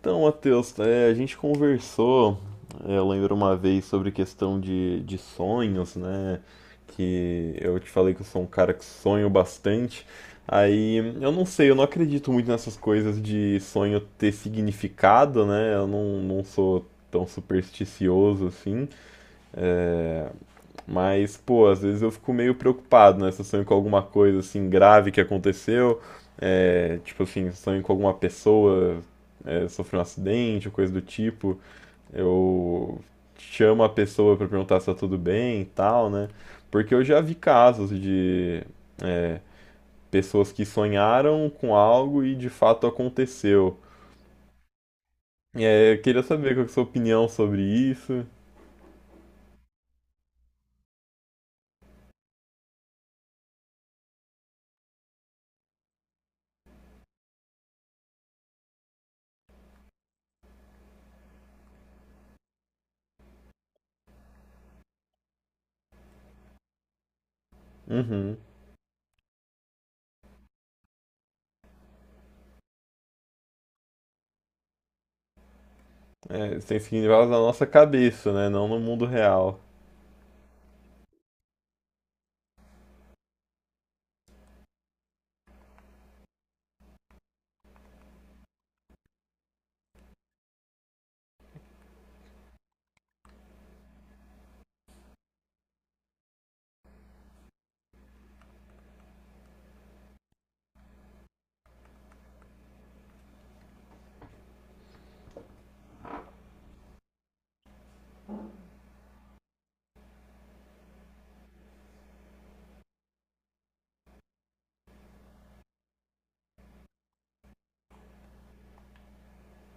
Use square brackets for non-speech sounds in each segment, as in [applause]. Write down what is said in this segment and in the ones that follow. Então, Matheus, a gente conversou, eu lembro uma vez sobre questão de sonhos, né? Que eu te falei que eu sou um cara que sonho bastante. Aí eu não sei, eu não acredito muito nessas coisas de sonho ter significado, né? Eu não sou tão supersticioso assim. é, mas, pô, às vezes eu fico meio preocupado, né? Se eu sonho com alguma coisa assim grave que aconteceu, é, tipo assim, sonho com alguma pessoa, sofreu um acidente ou coisa do tipo, eu chamo a pessoa pra perguntar se tá tudo bem e tal, né? Porque eu já vi casos de é, pessoas que sonharam com algo e de fato aconteceu. E eu queria saber qual que é a sua opinião sobre isso. Uhum. É, tem significados na nossa cabeça, né? Não no mundo real.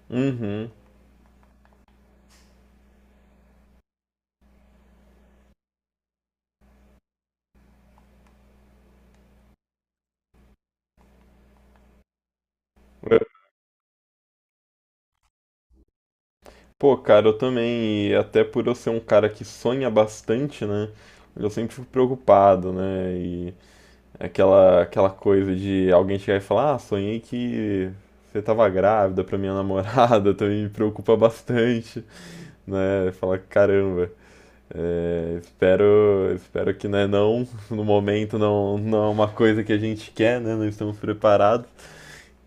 Uhum. É, pô, cara, eu também, e até por eu ser um cara que sonha bastante, né? Eu sempre fico preocupado, né? E aquela coisa de alguém chegar e falar, ah, sonhei que você tava grávida pra minha namorada, [laughs] também me preocupa bastante, né? Fala caramba, é, espero que, né, não, no momento não é uma coisa que a gente quer, né? Não estamos preparados.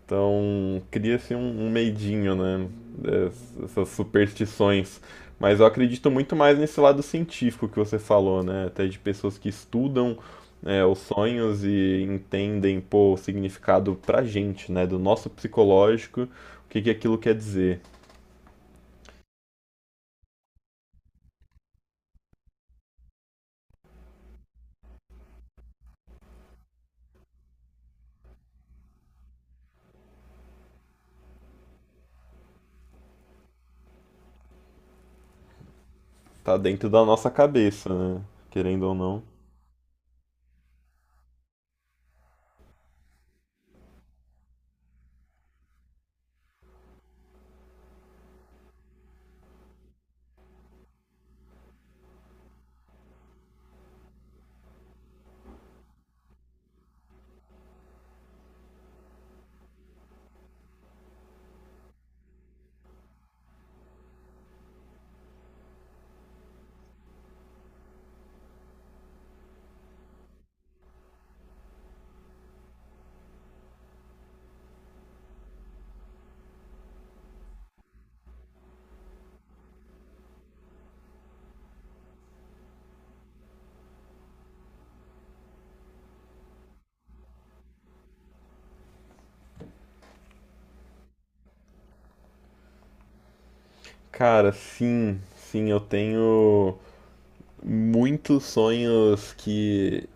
Então cria-se um medinho, né? Essas superstições. Mas eu acredito muito mais nesse lado científico que você falou, né? Até de pessoas que estudam os sonhos e entendem, pô, o significado pra gente, né? Do nosso psicológico, o que que aquilo quer dizer. Tá dentro da nossa cabeça, né? Querendo ou não. Cara, sim, eu tenho muitos sonhos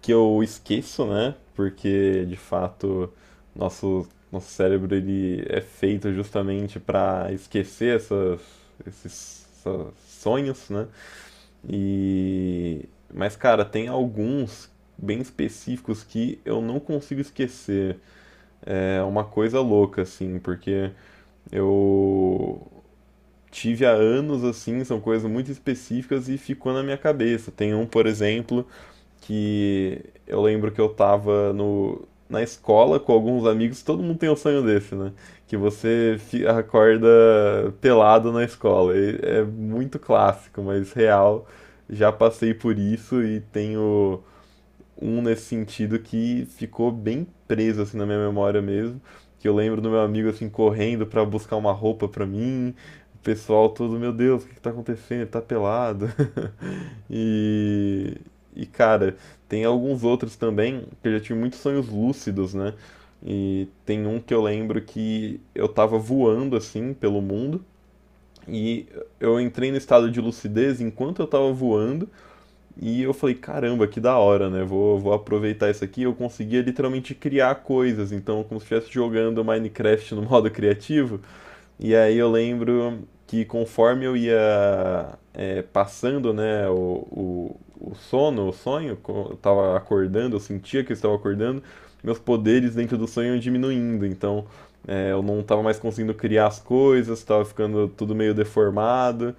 que eu esqueço, né? Porque de fato nosso cérebro ele é feito justamente para esquecer essas, sonhos, né? E mas cara, tem alguns bem específicos que eu não consigo esquecer. É uma coisa louca assim, porque eu tive há anos assim, são coisas muito específicas e ficou na minha cabeça. Tem um, por exemplo, que eu lembro que eu tava no, na escola com alguns amigos, todo mundo tem um sonho desse, né? Que você acorda pelado na escola. E é muito clássico, mas real. Já passei por isso e tenho um nesse sentido que ficou bem preso assim na minha memória mesmo, que eu lembro do meu amigo assim correndo pra buscar uma roupa pra mim, o pessoal todo, meu Deus, o que que tá acontecendo? Ele tá pelado. [laughs] E e cara, tem alguns outros também que eu já tive muitos sonhos lúcidos, né? E tem um que eu lembro que eu tava voando assim pelo mundo e eu entrei no estado de lucidez enquanto eu tava voando e eu falei, caramba, que da hora, né? Vou aproveitar isso aqui. Eu conseguia literalmente criar coisas, então, como se estivesse jogando Minecraft no [laughs] modo criativo. E aí eu lembro que conforme eu ia é, passando, né, o sono, o sonho, eu tava acordando, eu sentia que eu estava acordando, meus poderes dentro do sonho iam diminuindo, então eu não tava mais conseguindo criar as coisas, tava ficando tudo meio deformado.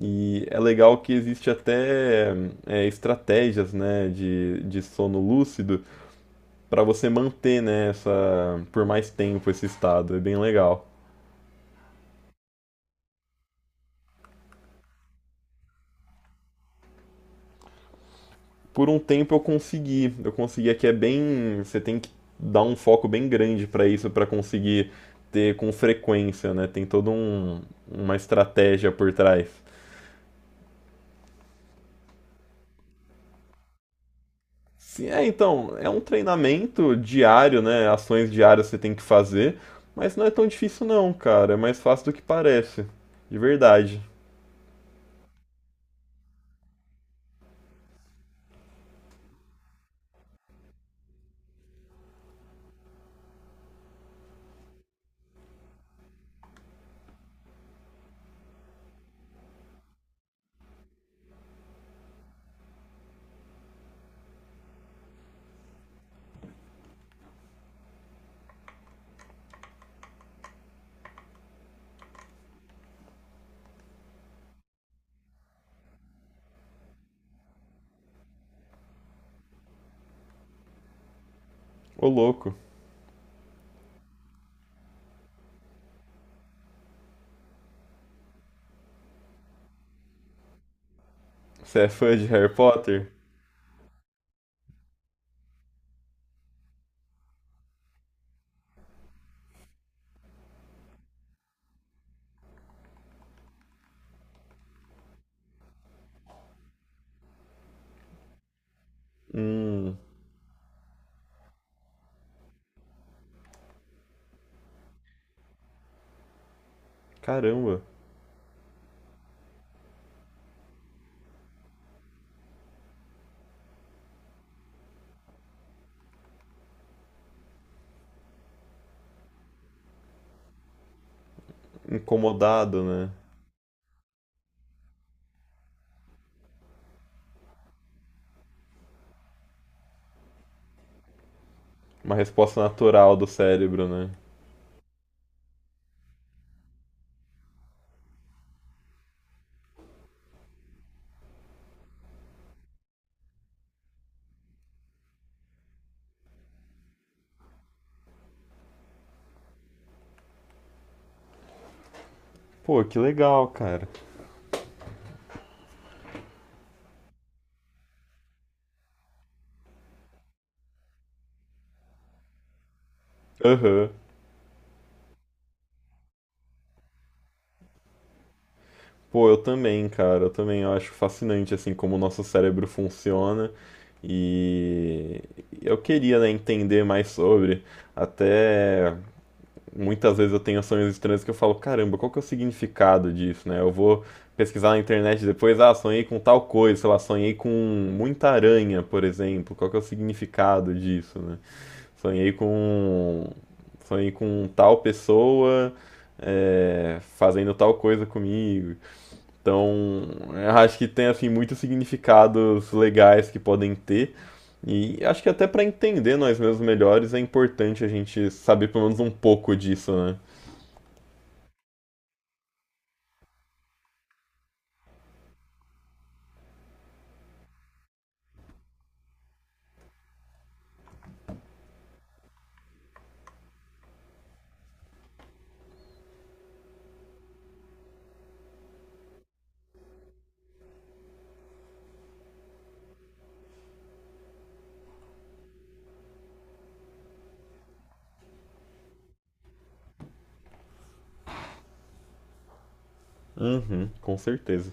E é legal que existe até estratégias, né, de sono lúcido para você manter, né, essa, por mais tempo esse estado. É bem legal. Por um tempo eu consegui. Eu conseguia que é bem, você tem que dar um foco bem grande para isso para conseguir ter com frequência, né? Tem toda uma estratégia por trás. Sim, é, então, é um treinamento diário, né? Ações diárias você tem que fazer, mas não é tão difícil não, cara. É mais fácil do que parece. De verdade. Ô louco. Você é fã de Harry Potter? Hum, caramba. Incomodado, né? Uma resposta natural do cérebro, né? Pô, que legal, cara. Aham. Pô, eu também, cara. Eu também eu acho fascinante, assim, como o nosso cérebro funciona. E eu queria, né, entender mais sobre. Até muitas vezes eu tenho sonhos estranhos que eu falo, caramba, qual que é o significado disso, né? Eu vou pesquisar na internet depois, ah, sonhei com tal coisa, sei lá, sonhei com muita aranha, por exemplo. Qual que é o significado disso, né? Sonhei com. Sonhei com tal pessoa fazendo tal coisa comigo. Então, eu acho que tem assim muitos significados legais que podem ter. E acho que até para entender nós mesmos melhores é importante a gente saber pelo menos um pouco disso, né? Uhum, com certeza.